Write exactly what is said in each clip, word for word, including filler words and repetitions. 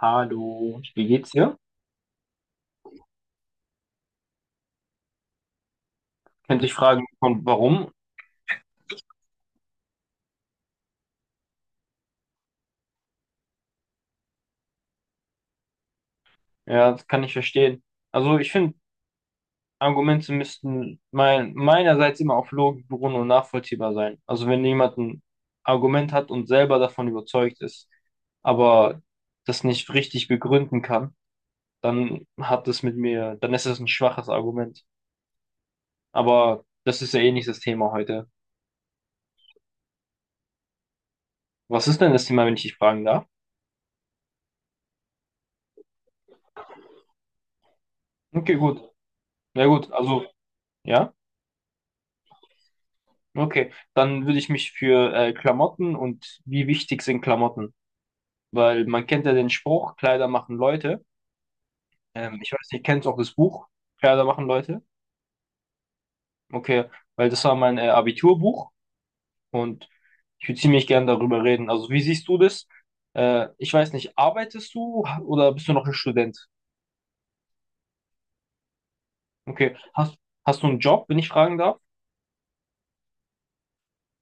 Hallo, wie geht's dir? Könnte ich fragen, von warum? Ja, das kann ich verstehen. Also ich finde, Argumente müssten mein, meinerseits immer auf Logik beruhen und nachvollziehbar sein. Also wenn jemand ein Argument hat und selber davon überzeugt ist, aber das nicht richtig begründen kann, dann hat das mit mir, dann ist das ein schwaches Argument. Aber das ist ja eh nicht das Thema heute. Was ist denn das Thema, wenn ich dich fragen darf? Okay, gut. Na gut, also, ja. Okay, dann würde ich mich für äh, Klamotten und wie wichtig sind Klamotten? Weil man kennt ja den Spruch, Kleider machen Leute. Ähm, ich weiß nicht, kennst du auch das Buch, Kleider machen Leute? Okay, weil das war mein äh, Abiturbuch und ich würde ziemlich gern darüber reden. Also wie siehst du das? Äh, ich weiß nicht, arbeitest du oder bist du noch ein Student? Okay, hast, hast du einen Job, wenn ich fragen darf?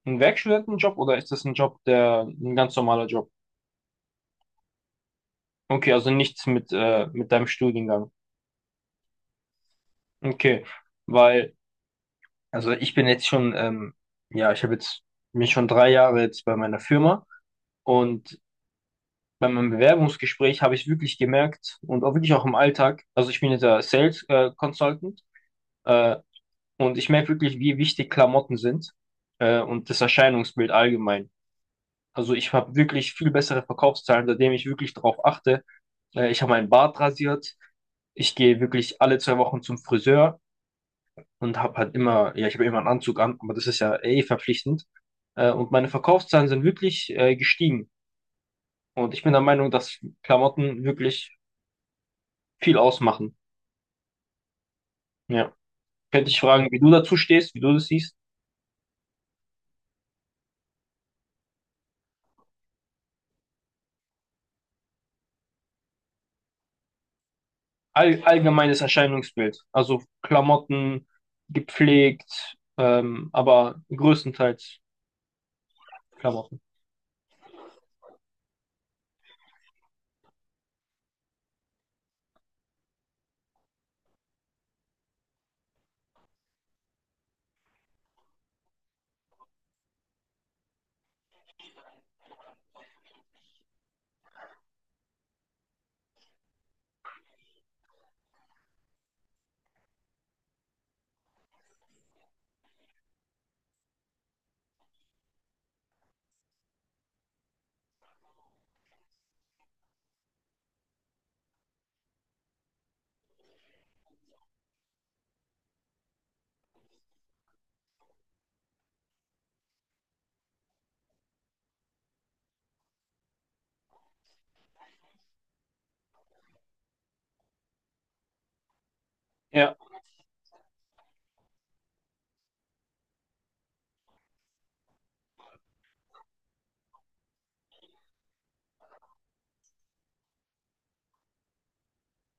Einen Werkstudentenjob oder ist das ein Job, der ein ganz normaler Job? Okay, also nichts mit, äh, mit deinem Studiengang. Okay, weil also ich bin jetzt schon, ähm, ja, ich habe jetzt mich schon drei Jahre jetzt bei meiner Firma und bei meinem Bewerbungsgespräch habe ich wirklich gemerkt und auch wirklich auch im Alltag, also ich bin jetzt der Sales äh, Consultant äh, und ich merke wirklich, wie wichtig Klamotten sind, äh, und das Erscheinungsbild allgemein. Also ich habe wirklich viel bessere Verkaufszahlen, seitdem ich wirklich darauf achte. Äh, ich habe meinen Bart rasiert, ich gehe wirklich alle zwei Wochen zum Friseur und habe halt immer, ja, ich habe immer einen Anzug an, aber das ist ja eh verpflichtend. Äh, und meine Verkaufszahlen sind wirklich äh, gestiegen. Und ich bin der Meinung, dass Klamotten wirklich viel ausmachen. Ja. Könnte ich fragen, wie du dazu stehst, wie du das siehst? All, allgemeines Erscheinungsbild. Also Klamotten, gepflegt, ähm, aber größtenteils Klamotten. Ja,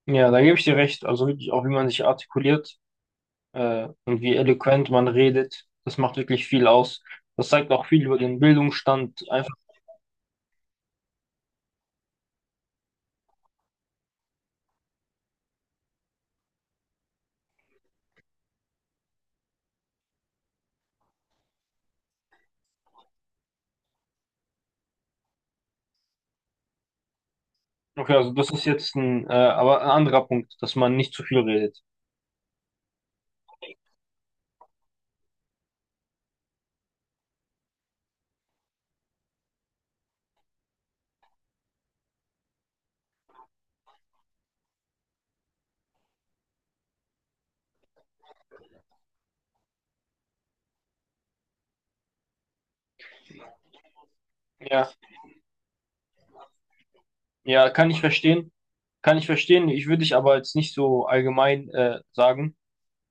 ja, da gebe ich dir recht. Also wirklich auch, wie man sich artikuliert äh, und wie eloquent man redet. Das macht wirklich viel aus. Das zeigt auch viel über den Bildungsstand. Einfach, okay, also das ist jetzt ein, äh, aber ein anderer Punkt, dass man nicht zu viel redet. Ja, ja, kann ich verstehen. Kann ich verstehen. Ich würde dich aber jetzt nicht so allgemein äh, sagen.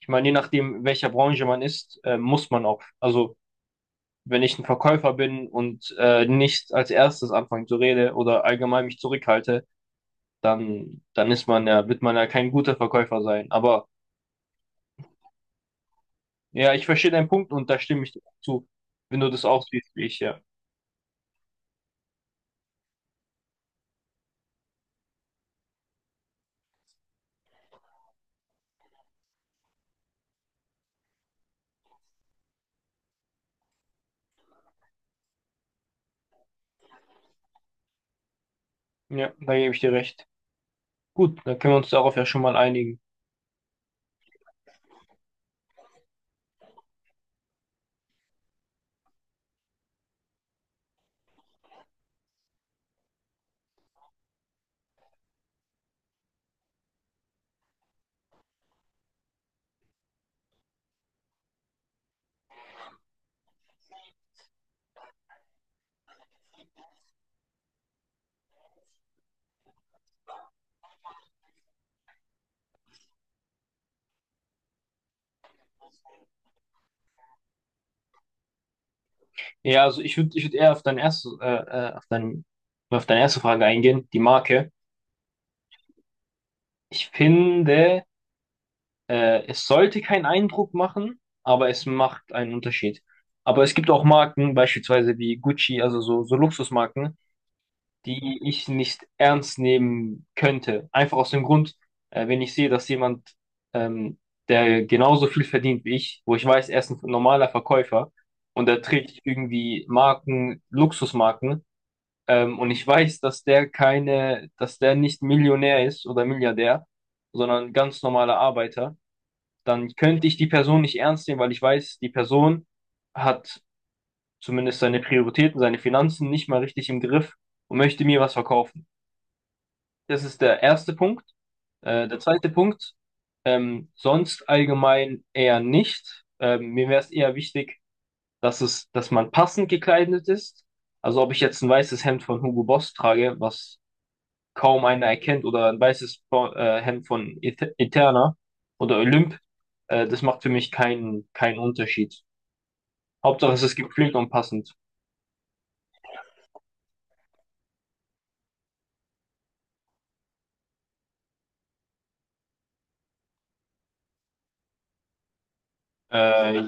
Ich meine, je nachdem, welcher Branche man ist, äh, muss man auch. Also, wenn ich ein Verkäufer bin und äh, nicht als erstes anfange zu reden oder allgemein mich zurückhalte, dann, dann ist man ja, wird man ja kein guter Verkäufer sein. Aber ja, ich verstehe deinen Punkt und da stimme ich dir auch zu, wenn du das auch siehst wie ich, ja. Ja, da gebe ich dir recht. Gut, dann können wir uns darauf ja schon mal einigen. Ja, also ich würde ich würd eher auf dein erste, äh, äh, auf dein, auf deine erste Frage eingehen, die Marke. Ich finde, äh, es sollte keinen Eindruck machen, aber es macht einen Unterschied. Aber es gibt auch Marken, beispielsweise wie Gucci, also so, so Luxusmarken, die ich nicht ernst nehmen könnte. Einfach aus dem Grund, äh, wenn ich sehe, dass jemand, ähm, der genauso viel verdient wie ich, wo ich weiß, er ist ein normaler Verkäufer und er trägt irgendwie Marken, Luxusmarken, ähm, und ich weiß, dass der keine, dass der nicht Millionär ist oder Milliardär, sondern ganz normaler Arbeiter, dann könnte ich die Person nicht ernst nehmen, weil ich weiß, die Person hat zumindest seine Prioritäten, seine Finanzen nicht mal richtig im Griff und möchte mir was verkaufen. Das ist der erste Punkt. Äh, der zweite Punkt, ähm, sonst allgemein eher nicht. Ähm, mir wäre es eher wichtig, dass es, dass man passend gekleidet ist. Also ob ich jetzt ein weißes Hemd von Hugo Boss trage, was kaum einer erkennt, oder ein weißes Bo- äh, Hemd von Ete- Eterna oder Olymp, äh, das macht für mich keinen keinen Unterschied. Hauptsache, es ist gepflegt und passend. Äh,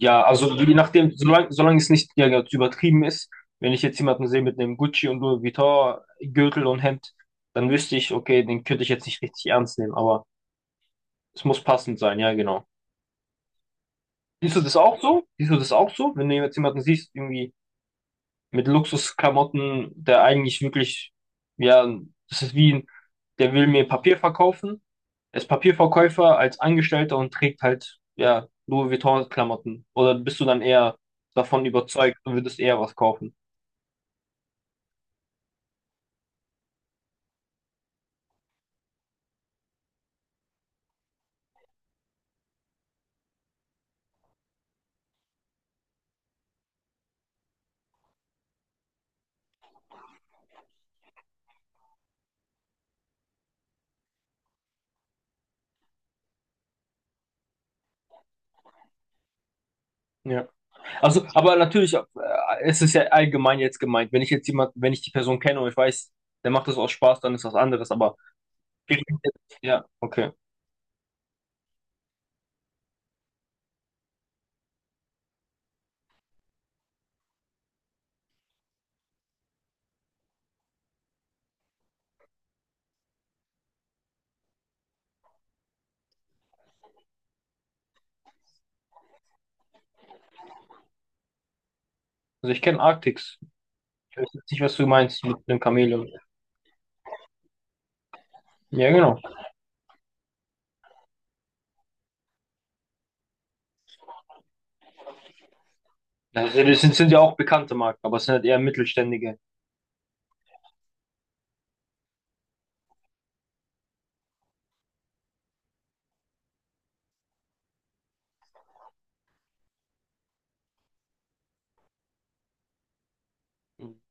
Ja, also je nachdem, solange, solange es nicht, ja, jetzt übertrieben ist, wenn ich jetzt jemanden sehe mit einem Gucci und Louis Vuitton-Gürtel und Hemd, dann wüsste ich, okay, den könnte ich jetzt nicht richtig ernst nehmen, aber es muss passend sein, ja, genau. Siehst du das auch so? Siehst du das auch so? Wenn du jetzt jemanden siehst, irgendwie mit Luxusklamotten, der eigentlich wirklich, ja, das ist wie, ein- der will mir Papier verkaufen. Er ist Papierverkäufer als Angestellter und trägt halt, ja, Louis Vuitton-Klamotten. Oder bist du dann eher davon überzeugt und würdest eher was kaufen? Ja. Also, aber natürlich, äh, es ist ja allgemein jetzt gemeint. Wenn ich jetzt jemand, wenn ich die Person kenne und ich weiß, der macht das aus Spaß, dann ist das anderes. Aber ja, okay. Also ich kenne Arctics. Ich weiß jetzt nicht, was du meinst mit dem Chamäleon. Ja, genau. Also das sind, sind ja auch bekannte Marken, aber es sind halt eher mittelständige.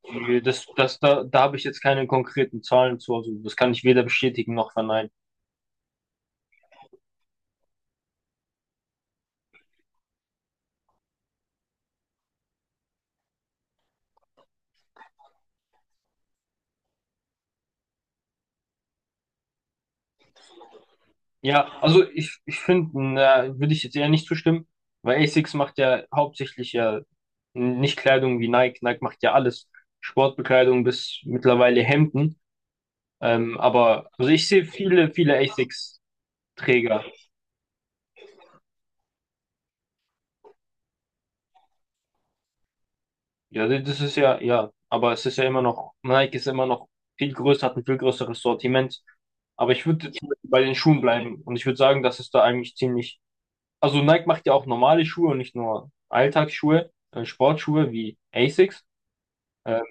Äh, Das, das, da, da habe ich jetzt keine konkreten Zahlen zu, also das kann ich weder bestätigen noch verneinen. Ja, also ich, ich finde, da würde ich jetzt eher nicht zustimmen, weil ASICS macht ja hauptsächlich ja nicht Kleidung wie Nike. Nike macht ja alles, Sportbekleidung bis mittlerweile Hemden. Ähm, aber also ich sehe viele, viele ASICS-Träger. Ja, das ist ja, ja, aber es ist ja immer noch, Nike ist immer noch viel größer, hat ein viel größeres Sortiment. Aber ich würde jetzt bei den Schuhen bleiben und ich würde sagen, dass es da eigentlich ziemlich. Also Nike macht ja auch normale Schuhe und nicht nur Alltagsschuhe, äh, Sportschuhe wie Asics. Ähm,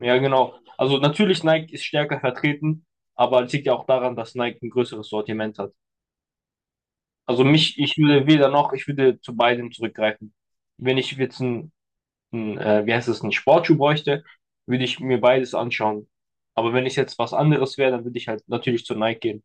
ja, genau. Also natürlich Nike ist stärker vertreten, aber es liegt ja auch daran, dass Nike ein größeres Sortiment hat. Also mich, ich würde weder noch, ich würde zu beidem zurückgreifen. Wenn ich jetzt ein, ein äh, wie heißt es, ein Sportschuh bräuchte, würde ich mir beides anschauen. Aber wenn ich jetzt was anderes wäre, dann würde ich halt natürlich zu Nike gehen.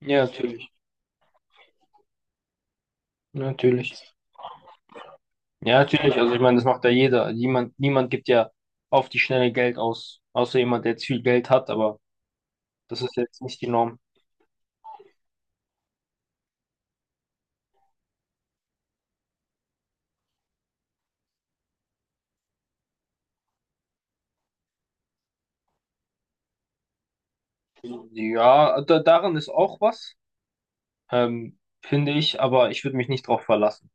Ja, natürlich, natürlich. Ja, natürlich. Also ich meine, das macht ja jeder. Niemand, niemand gibt ja auf die Schnelle Geld aus, außer jemand, der jetzt viel Geld hat, aber das ist jetzt nicht die Norm. Ja, da, daran ist auch was, ähm, finde ich, aber ich würde mich nicht drauf verlassen.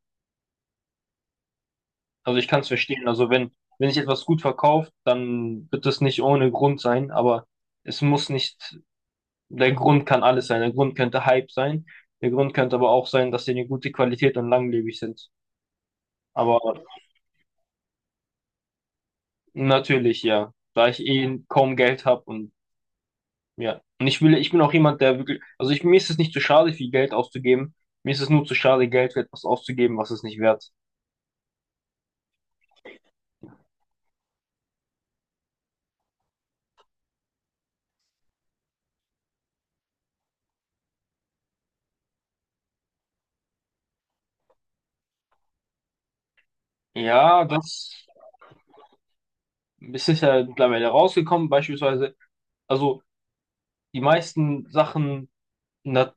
Also ich kann es verstehen. Also wenn, wenn sich etwas gut verkauft, dann wird es nicht ohne Grund sein, aber es muss nicht, der Grund kann alles sein. Der Grund könnte Hype sein, der Grund könnte aber auch sein, dass sie eine gute Qualität und langlebig sind. Aber natürlich, ja. Da ich eh kaum Geld habe und ja. Und ich will, ich bin auch jemand, der wirklich, also ich, mir ist es nicht zu schade, viel Geld auszugeben. Mir ist es nur zu schade, Geld für etwas auszugeben, was es nicht wert ist. Ja, das es ist ja mittlerweile rausgekommen, beispielsweise. Also die meisten Sachen, na,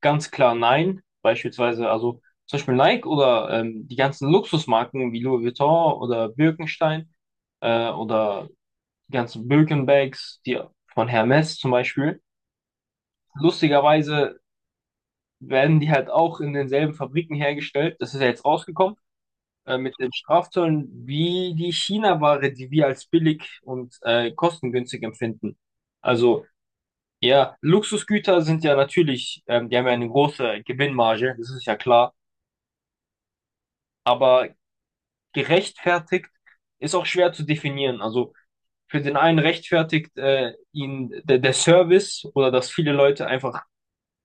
ganz klar nein. Beispielsweise, also zum Beispiel Nike oder ähm, die ganzen Luxusmarken wie Louis Vuitton oder Birkenstein, äh, oder die ganzen Birkenbags, die von Hermes zum Beispiel. Lustigerweise werden die halt auch in denselben Fabriken hergestellt. Das ist ja jetzt rausgekommen äh, mit den Strafzöllen, wie die China-Ware, die wir als billig und äh, kostengünstig empfinden. Also ja, Luxusgüter sind ja natürlich, ähm, die haben ja eine große Gewinnmarge, das ist ja klar, aber gerechtfertigt ist auch schwer zu definieren. Also für den einen rechtfertigt äh, ihn der, der Service oder dass viele Leute einfach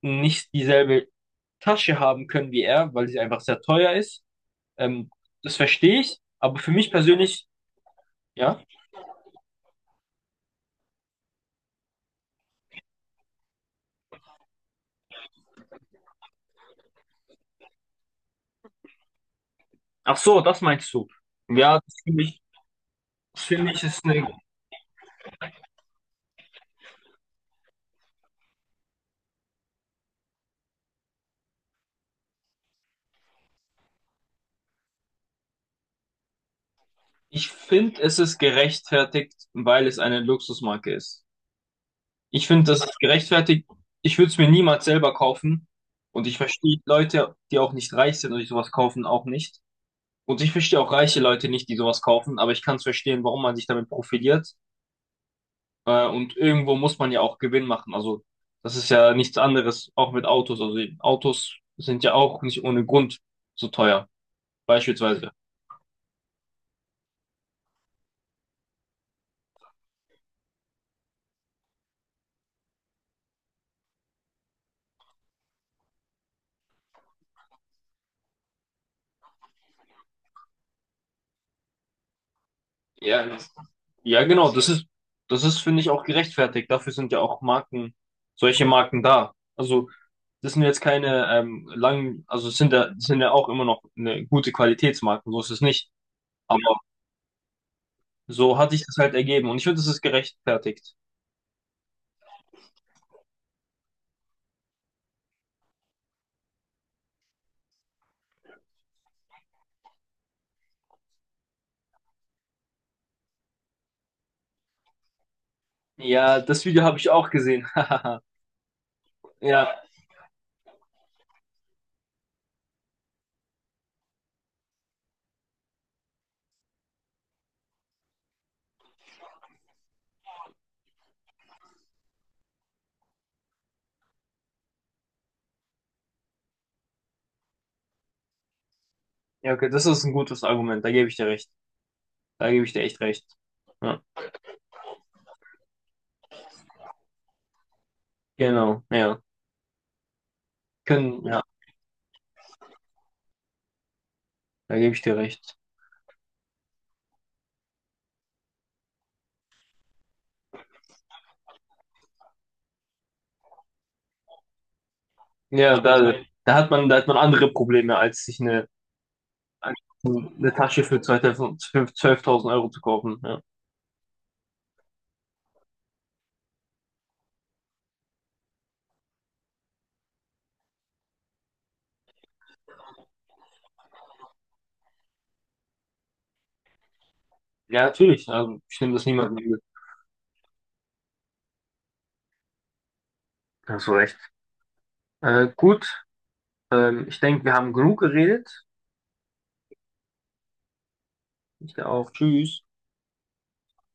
nicht dieselbe Tasche haben können wie er, weil sie einfach sehr teuer ist. Ähm, das verstehe ich, aber für mich persönlich, ja. Ach so, das meinst du. Ja, das finde ich, das finde ich ist eine, ich finde, es ist gerechtfertigt, weil es eine Luxusmarke ist. Ich finde, das ist gerechtfertigt. Ich würde es mir niemals selber kaufen. Und ich verstehe Leute, die auch nicht reich sind und die sowas kaufen, auch nicht. Und ich verstehe auch reiche Leute nicht, die sowas kaufen, aber ich kann es verstehen, warum man sich damit profiliert. Äh, und irgendwo muss man ja auch Gewinn machen. Also das ist ja nichts anderes, auch mit Autos. Also die Autos sind ja auch nicht ohne Grund so teuer, beispielsweise. Ja, das. Ja, genau, das ist, das ist, finde ich, auch gerechtfertigt. Dafür sind ja auch Marken, solche Marken da. Also das sind jetzt keine ähm, langen, also es sind ja, es sind ja auch immer noch eine gute Qualitätsmarken, so ist es nicht. Aber so hat sich das halt ergeben und ich finde, das ist gerechtfertigt. Ja, das Video habe ich auch gesehen. Ja. Ja, okay, das ist ein gutes Argument, da gebe ich dir recht. Da gebe ich dir echt recht. Ja, genau, ja. Können, ja, da gebe ich dir recht. Ja, da, da hat man, da hat man andere Probleme, als sich eine, eine Tasche für zweitausend zwölftausend Euro zu kaufen. Ja. Ja, natürlich. Also ich nehme das niemandem übel. Hast du recht. Äh, gut, ähm, ich denke, wir haben genug geredet. Ich auch. Tschüss.